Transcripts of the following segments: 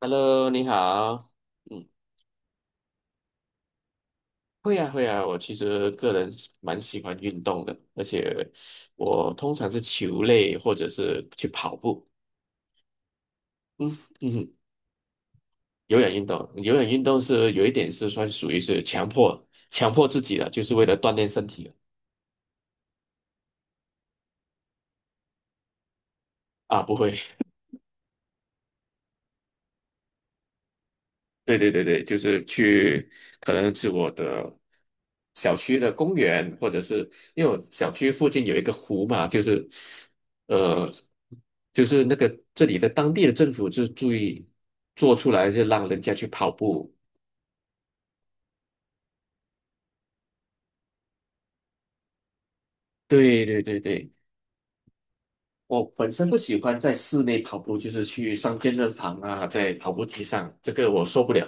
Hello，你好。嗯，会啊会啊，我其实个人是蛮喜欢运动的，而且我通常是球类或者是去跑步。嗯哼，有氧运动，有氧运动是有一点是算属于是强迫强迫自己的，就是为了锻炼身体的。啊，不会。对对对对，就是去，可能是我的小区的公园，或者是因为我小区附近有一个湖嘛，就是，呃，就是那个这里的当地的政府就注意做出来，就让人家去跑步。对对对对，我本身不喜欢在室内跑步，就是去上健身房啊，在跑步机上，这个我受不了。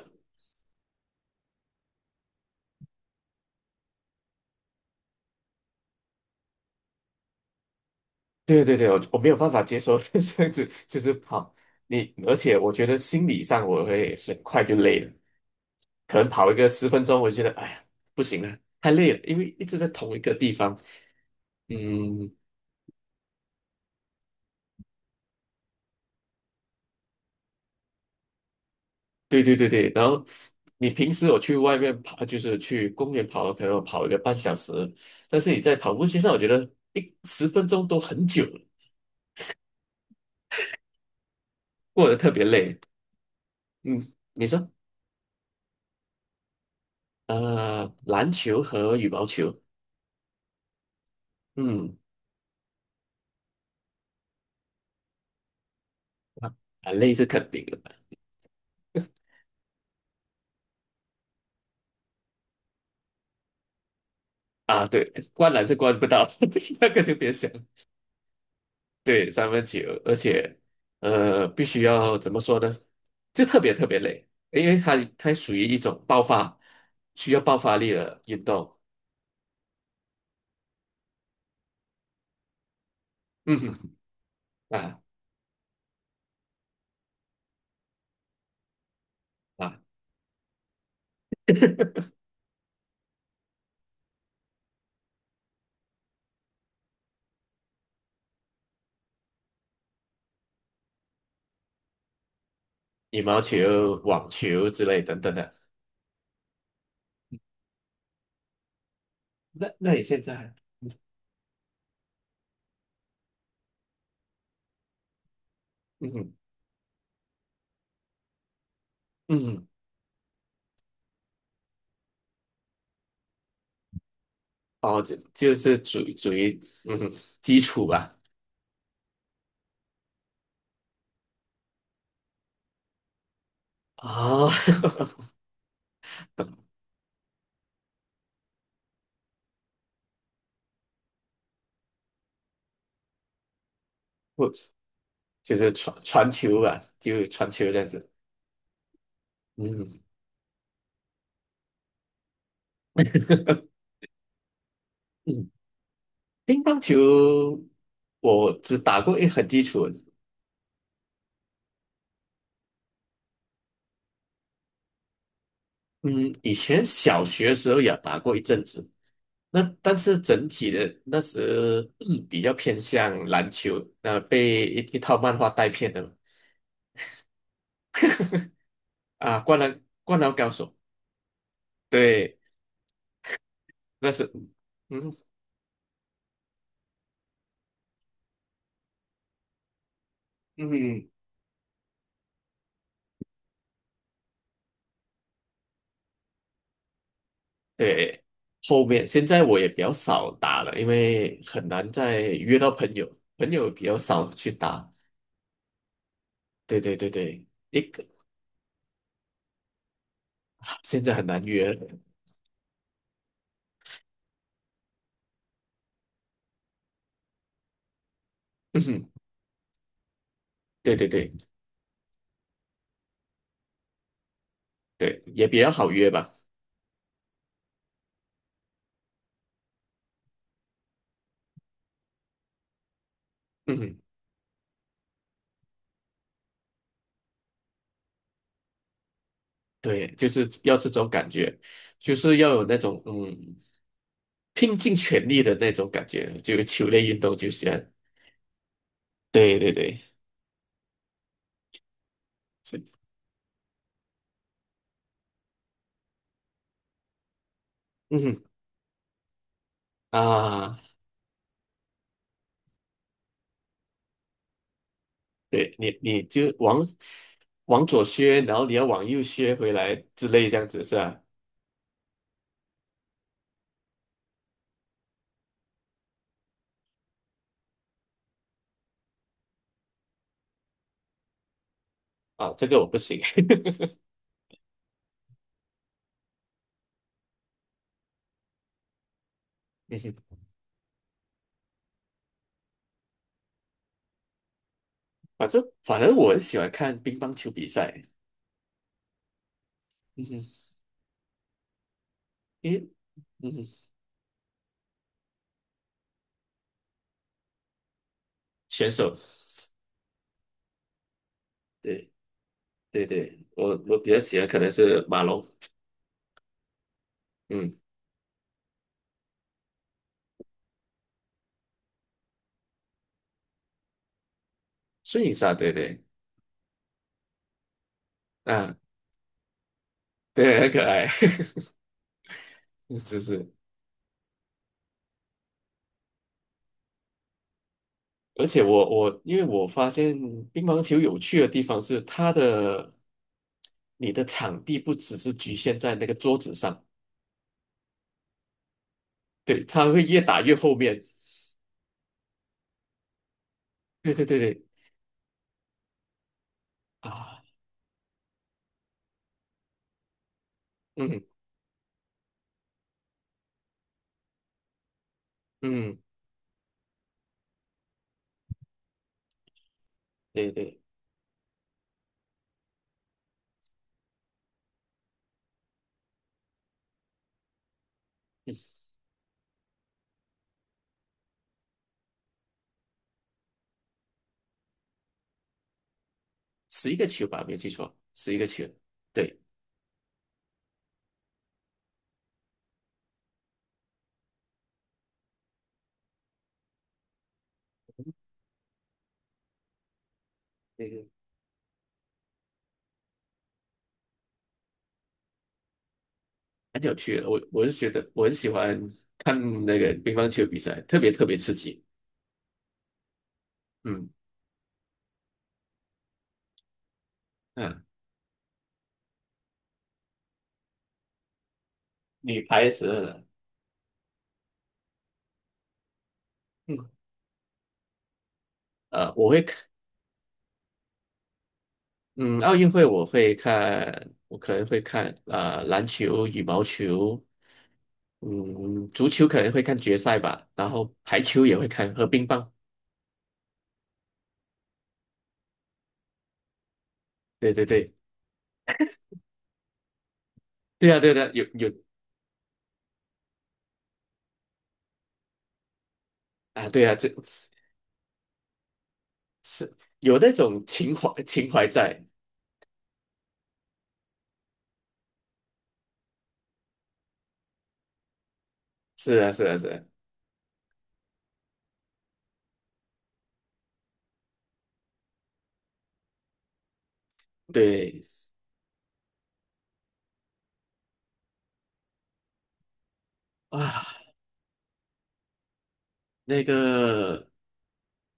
对对对，我没有办法接受 这样子，就是跑你，而且我觉得心理上我会很快就累了，可能跑一个十分钟，我就觉得哎呀不行了，太累了，因为一直在同一个地方。嗯，对对对对，然后你平时我去外面跑，就是去公园跑，可能我跑一个半小时，但是你在跑步机上，我觉得10分钟都很久了，过得特别累。嗯，你说，篮球和羽毛球。嗯。啊，累是肯定的。啊，对，灌篮是灌不到，那个就别想。对，三分球，而且必须要怎么说呢？就特别特别累，因为它属于一种爆发，需要爆发力的运动。嗯哼，啊啊，羽毛球、网球之类等等的。那你现在，嗯哼嗯哼，哦，就是属于，嗯哼，基础吧。啊、哦，不，就是传传球吧，就传球这样子。嗯嗯，乒乓球我只打过一很基础的。嗯，以前小学的时候也打过一阵子，那但是整体的那时、比较偏向篮球，那、被一套漫画带偏的嘛。啊，灌篮高手。对，那是，嗯嗯嗯，对，后面现在我也比较少打了，因为很难再约到朋友，朋友比较少去打。对对对对。一个。现在很难约。嗯哼，对对对对，也比较好约吧。嗯哼，对，就是要这种感觉，就是要有那种拼尽全力的那种感觉，就球类运动就行。对对对，嗯哼，啊，对，你就往左削，然后你要往右削回来之类这样子是吧？啊，这个我不行。嗯哼，反正我很喜欢看乒乓球比赛。嗯哼，因为，嗯哼，选手对。对对，我比较喜欢可能是马龙。嗯，孙颖莎，对对。啊，对，很可爱。是是，而且我因为我发现乒乓球有趣的地方是它的，你的场地不只是局限在那个桌子上，对，它会越打越后面。对对对对，啊，嗯嗯，对对，嗯，十一个球吧，没有记错，十一个球，对。对，很有趣的。我是觉得我很喜欢看那个乒乓球比赛，特别特别刺激。嗯嗯，女排的时候呢。嗯，我会看。嗯，奥运会我会看，我可能会看篮球、羽毛球，嗯，足球可能会看决赛吧，然后排球也会看和乒乓。对对对，对啊对啊，有有，啊对啊，这是有那种情怀情怀在，是啊是啊是啊，对啊。那个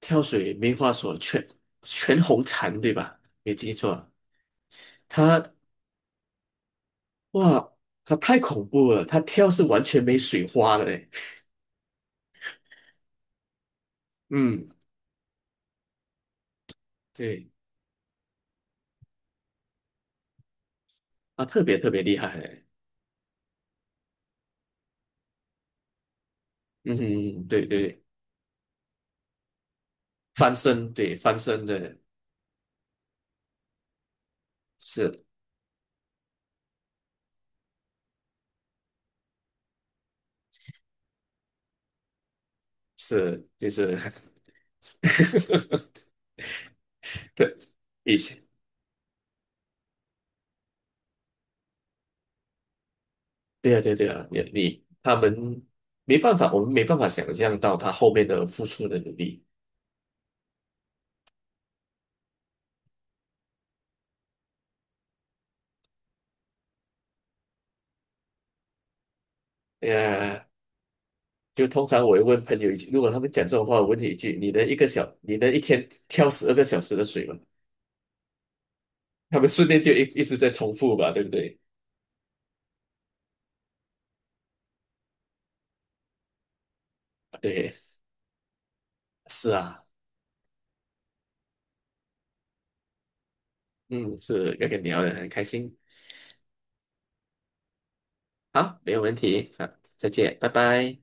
跳水没话说，全红婵对吧？没记错。他，哇，他太恐怖了，他跳是完全没水花的嘞。嗯，对啊，特别特别厉害嘞。嗯哼，对对，翻身，对翻身的，是是，就是， 对，以前，对啊对啊对啊，他们没办法，我们没办法想象到他后面的付出的努力。对呀，就通常我会问朋友一句，如果他们讲这种话，我问你一句：你能一个小，你能一天挑12个小时的水吗？他们顺便就一直在重复吧，对不对？对，是啊。嗯，是要跟你聊的很开心。好，没有问题，好，再见，拜拜。